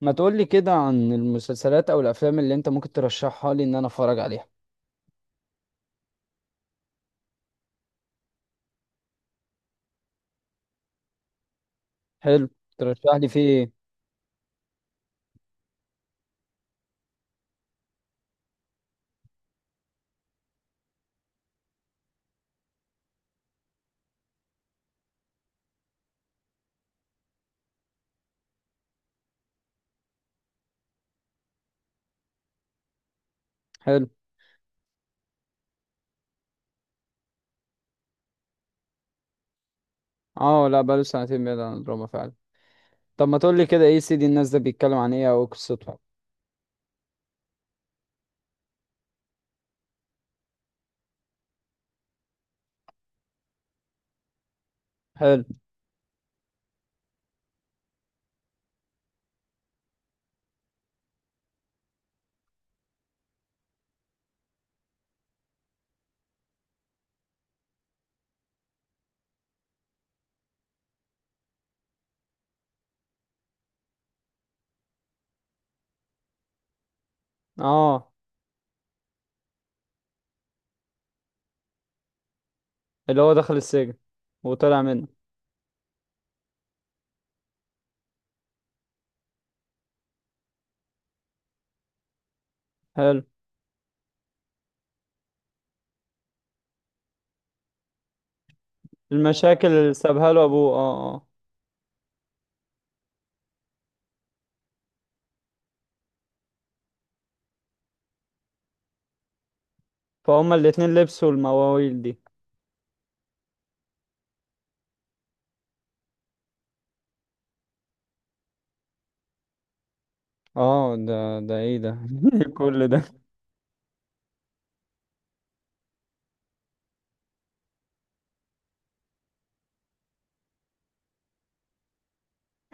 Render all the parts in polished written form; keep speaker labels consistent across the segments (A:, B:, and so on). A: ما تقولي كده عن المسلسلات او الافلام اللي انت ممكن ترشحها لي ان انا اتفرج عليها. حلو. ترشح لي في ايه؟ حلو. اه، لا بقاله سنتين بعيد عن الدراما فعلا. طب ما تقولي كده، ايه سيدي الناس ده بيتكلم عن ايه او إيه قصته؟ حلو. اه اللي هو دخل السجن وطلع منه. حلو. المشاكل اللي سابها له ابوه، اه اه. فهم الاتنين لبسوا المواويل دي. اه، ده ايه ده؟ كل ده!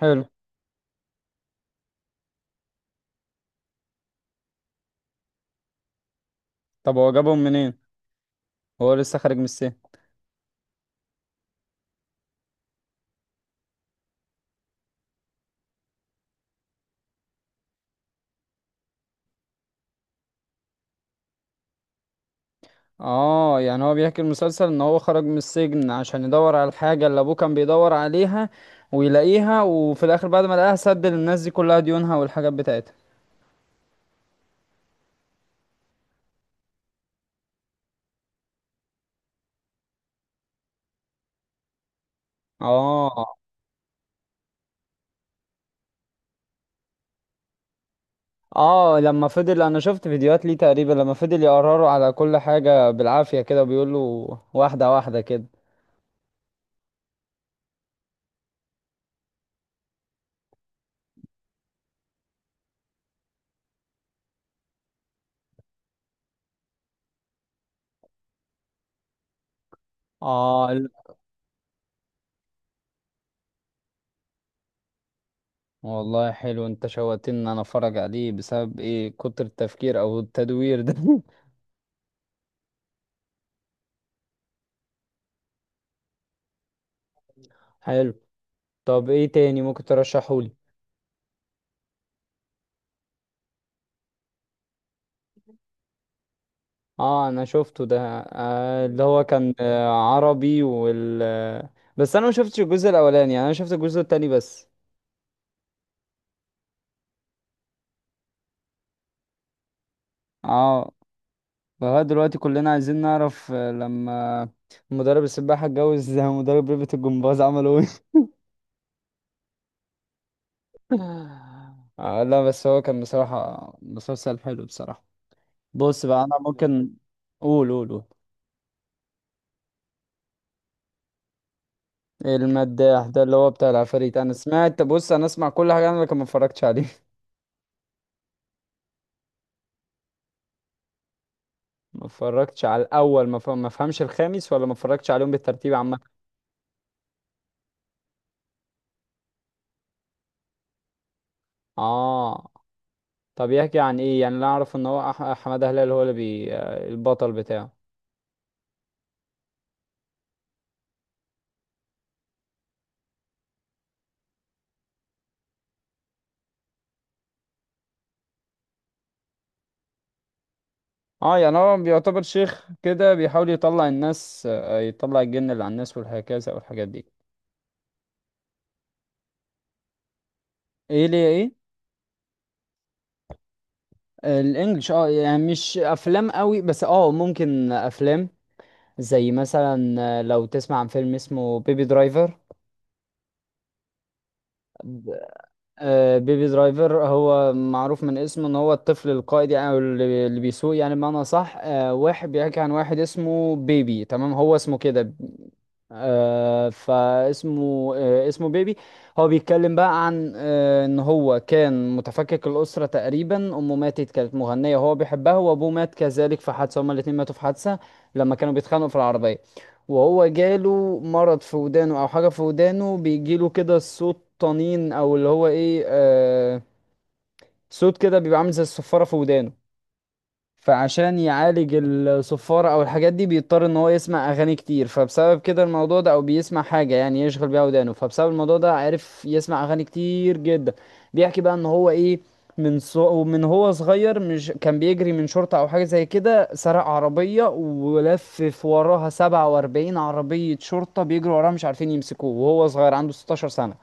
A: حلو. طب هو جابهم منين؟ هو لسه خارج من السجن. اه يعني هو بيحكي المسلسل ان هو خرج من السجن عشان يدور على الحاجة اللي ابوه كان بيدور عليها، ويلاقيها وفي الاخر بعد ما لقاها سد للناس دي كلها ديونها والحاجات بتاعتها. اه. اه لما فضل، انا شفت فيديوهات ليه تقريبا، لما فضل يقرروا على كل حاجة بالعافية كده بيقول له واحدة واحدة كده. اه والله حلو، انت شوقتني ان انا اتفرج عليه بسبب ايه؟ كتر التفكير او التدوير ده حلو. طب ايه تاني ممكن ترشحولي؟ اه انا شفته ده. اللي هو كان عربي وال آه، بس انا ما شفتش الجزء الاولاني، يعني انا شفت الجزء التاني بس. اه لغايه دلوقتي كلنا عايزين نعرف لما مدرب السباحه اتجوز مدرب ريبة الجمباز عملوا ايه؟ آه لا، بس هو كان بصراحه مسلسل حلو بصراحه. بص بقى انا ممكن. قول قول قول. المداح ده اللي هو بتاع العفاريت، انا سمعت، بص انا اسمع كل حاجه انا لكن ما اتفرجتش عليه. ما اتفرجتش على الاول ما فهمش الخامس، ولا ما اتفرجتش عليهم بالترتيب عامه؟ اه. طب يحكي عن ايه يعني؟ اللي اعرف ان هو حماده هلال هو اللي بي آه، البطل بتاعه. اه يعني هو بيعتبر شيخ كده بيحاول يطلع الناس يطلع الجن اللي على الناس والهكذا والحاجات دي. ايه ليه ايه؟ الانجليش يعني مش افلام قوي، بس ممكن افلام زي مثلا، لو تسمع عن فيلم اسمه بيبي درايفر. بيبي درايفر هو معروف من اسمه ان هو الطفل القائد، يعني او اللي بيسوق يعني بمعنى صح، واحد بيحكي عن واحد اسمه بيبي، تمام هو اسمه كده. فاسمه آه، اسمه بيبي. هو بيتكلم بقى عن ان هو كان متفكك الاسره، تقريبا امه ماتت كانت مغنيه وهو بيحبها، وابوه مات كذلك في حادثه، هما الاتنين ماتوا في حادثه لما كانوا بيتخانقوا في العربيه. وهو جاله مرض في ودانه او حاجه في ودانه، بيجيله كده صوت طنين او اللي هو ايه، صوت كده بيبقى عامل زي الصفاره في ودانه. فعشان يعالج الصفارة او الحاجات دي بيضطر ان هو يسمع اغاني كتير، فبسبب كده الموضوع ده او بيسمع حاجة يعني يشغل بيها ودانه، فبسبب الموضوع ده عرف يسمع اغاني كتير جدا. بيحكي بقى ان هو ايه، من هو صغير، مش كان بيجري من شرطة او حاجة زي كده، سرق عربية ولفف وراها 47 عربية شرطة بيجروا وراها مش عارفين يمسكوه، وهو صغير عنده 16 سنة.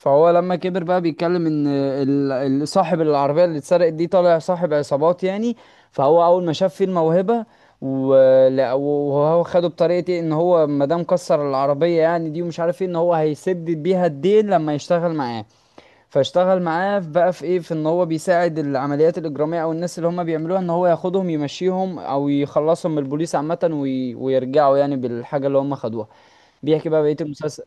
A: فهو لما كبر بقى بيتكلم ان صاحب العربيه اللي اتسرقت دي طالع صاحب عصابات يعني. فهو اول ما شاف فيه الموهبه، وهو خده بطريقه إيه؟ ان هو ما دام كسر العربيه يعني دي ومش عارف ايه، ان هو هيسدد بيها الدين لما يشتغل معاه. فاشتغل معاه بقى في ايه، في ان هو بيساعد العمليات الاجراميه او الناس اللي هم بيعملوها، ان هو ياخدهم يمشيهم او يخلصهم من البوليس عامه، ويرجعوا يعني بالحاجه اللي هم خدوها. بيحكي بقى بقيه المسلسل.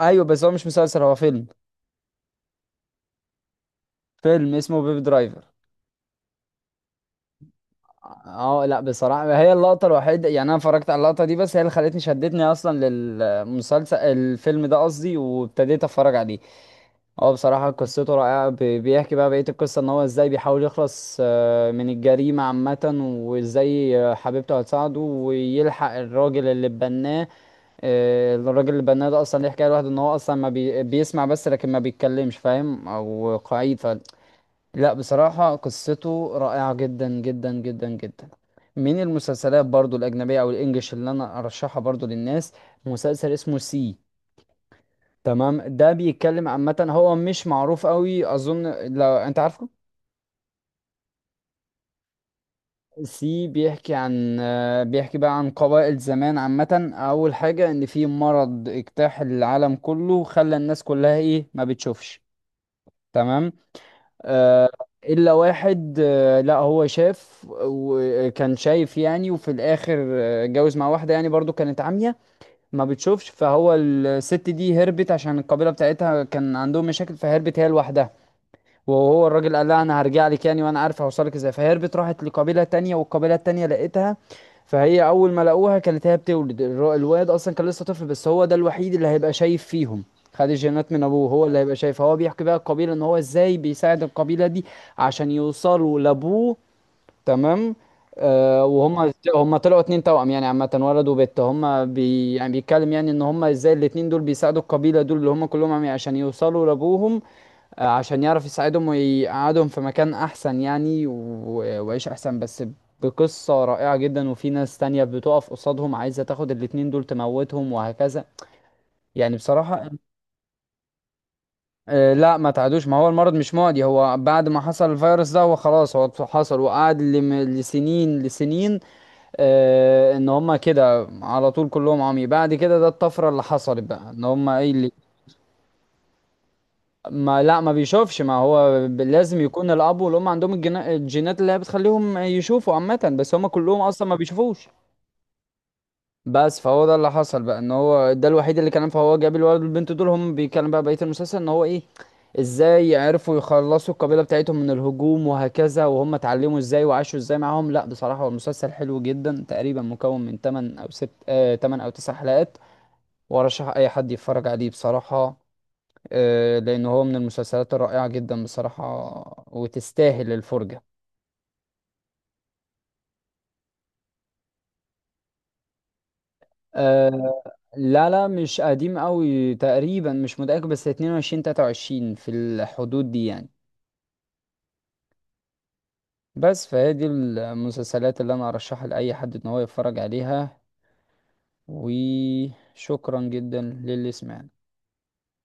A: ايوه بس هو مش مسلسل هو فيلم، فيلم اسمه بيب درايفر. اه لا بصراحة هي اللقطة الوحيدة، يعني انا اتفرجت على اللقطة دي بس، هي اللي خلتني شدتني اصلا للمسلسل، الفيلم ده قصدي، وابتديت اتفرج عليه. هو بصراحة قصته رائعة، بيحكي بقى بقية القصة ان هو ازاي بيحاول يخلص من الجريمة عامة. وازاي حبيبته هتساعده ويلحق الراجل اللي بناه. الراجل اللي بناه ده اصلا ليه حكاية لوحده، ان هو اصلا ما بي... بيسمع بس لكن ما بيتكلمش، فاهم او قعيد. لا بصراحة قصته رائعة جدا جدا جدا جدا. من المسلسلات برضو الأجنبية أو الإنجليش اللي أنا أرشحها برضو للناس، مسلسل اسمه سي. تمام، ده بيتكلم عامة، هو مش معروف قوي أظن، لو أنت عارفه. سي بيحكي عن آه، بيحكي بقى عن قبائل زمان عامة. أول حاجة، إن في مرض اجتاح العالم كله، خلى الناس كلها إيه ما بتشوفش، تمام. آه، الا واحد، لا هو شاف وكان شايف يعني، وفي الاخر اتجوز مع واحده يعني برضو كانت عمية ما بتشوفش. فهو الست دي هربت عشان القبيله بتاعتها كان عندهم مشاكل، فهربت هي لوحدها. وهو الراجل قال لها انا هرجع لك يعني وانا عارف هوصلك ازاي، فهربت راحت لقبيله تانية والقبيله التانية لقيتها. فهي اول ما لقوها كانت هي بتولد، الواد اصلا كان لسه طفل، بس هو ده الوحيد اللي هيبقى شايف فيهم. خد الجينات من ابوه، هو اللي هيبقى شايف، هو بيحكي بقى القبيله ان هو ازاي بيساعد القبيله دي عشان يوصلوا لابوه، تمام. آه وهم طلعوا اتنين توأم يعني عامة، ولد وبنت، هم بي يعني بيتكلم يعني ان هم ازاي الاتنين دول بيساعدوا القبيلة دول اللي هم كلهم عشان يوصلوا لابوهم. عشان يعرف يساعدهم ويقعدهم في مكان احسن يعني، ويعيش احسن بس. بقصة رائعة جدا، وفي ناس تانية بتقف قصادهم عايزة تاخد الاتنين دول تموتهم وهكذا، يعني بصراحة. لا ما تعدوش، ما هو المرض مش معدي، هو بعد ما حصل الفيروس ده هو خلاص هو حصل وقعد لسنين لسنين. ان هما كده على طول كلهم عمي، بعد كده ده الطفرة اللي حصلت بقى ان هما ايه اللي. ما لا ما بيشوفش، ما هو لازم يكون الاب والام عندهم الجينات اللي هي بتخليهم يشوفوا عامه، بس هم كلهم اصلا ما بيشوفوش. بس فهو ده اللي حصل بقى، ان هو ده الوحيد اللي كان، فهو جاب الولد والبنت دول، هم بيتكلم بقى بقيه المسلسل ان هو ايه، ازاي عرفوا يخلصوا القبيله بتاعتهم من الهجوم وهكذا، وهم اتعلموا ازاي وعاشوا ازاي معاهم. لا بصراحه هو المسلسل حلو جدا، تقريبا مكون من 8 او 6، 8 او 9 حلقات. وارشح اي حد يتفرج عليه بصراحه، لأن هو من المسلسلات الرائعة جدا بصراحة، وتستاهل الفرجة. آه، لا لا مش قديم قوي، تقريبا مش متأكد، بس 22 23 في الحدود دي يعني. بس فهي دي المسلسلات اللي أنا أرشحها لأي حد إن هو يتفرج عليها. وشكرا جدا للي سمعنا.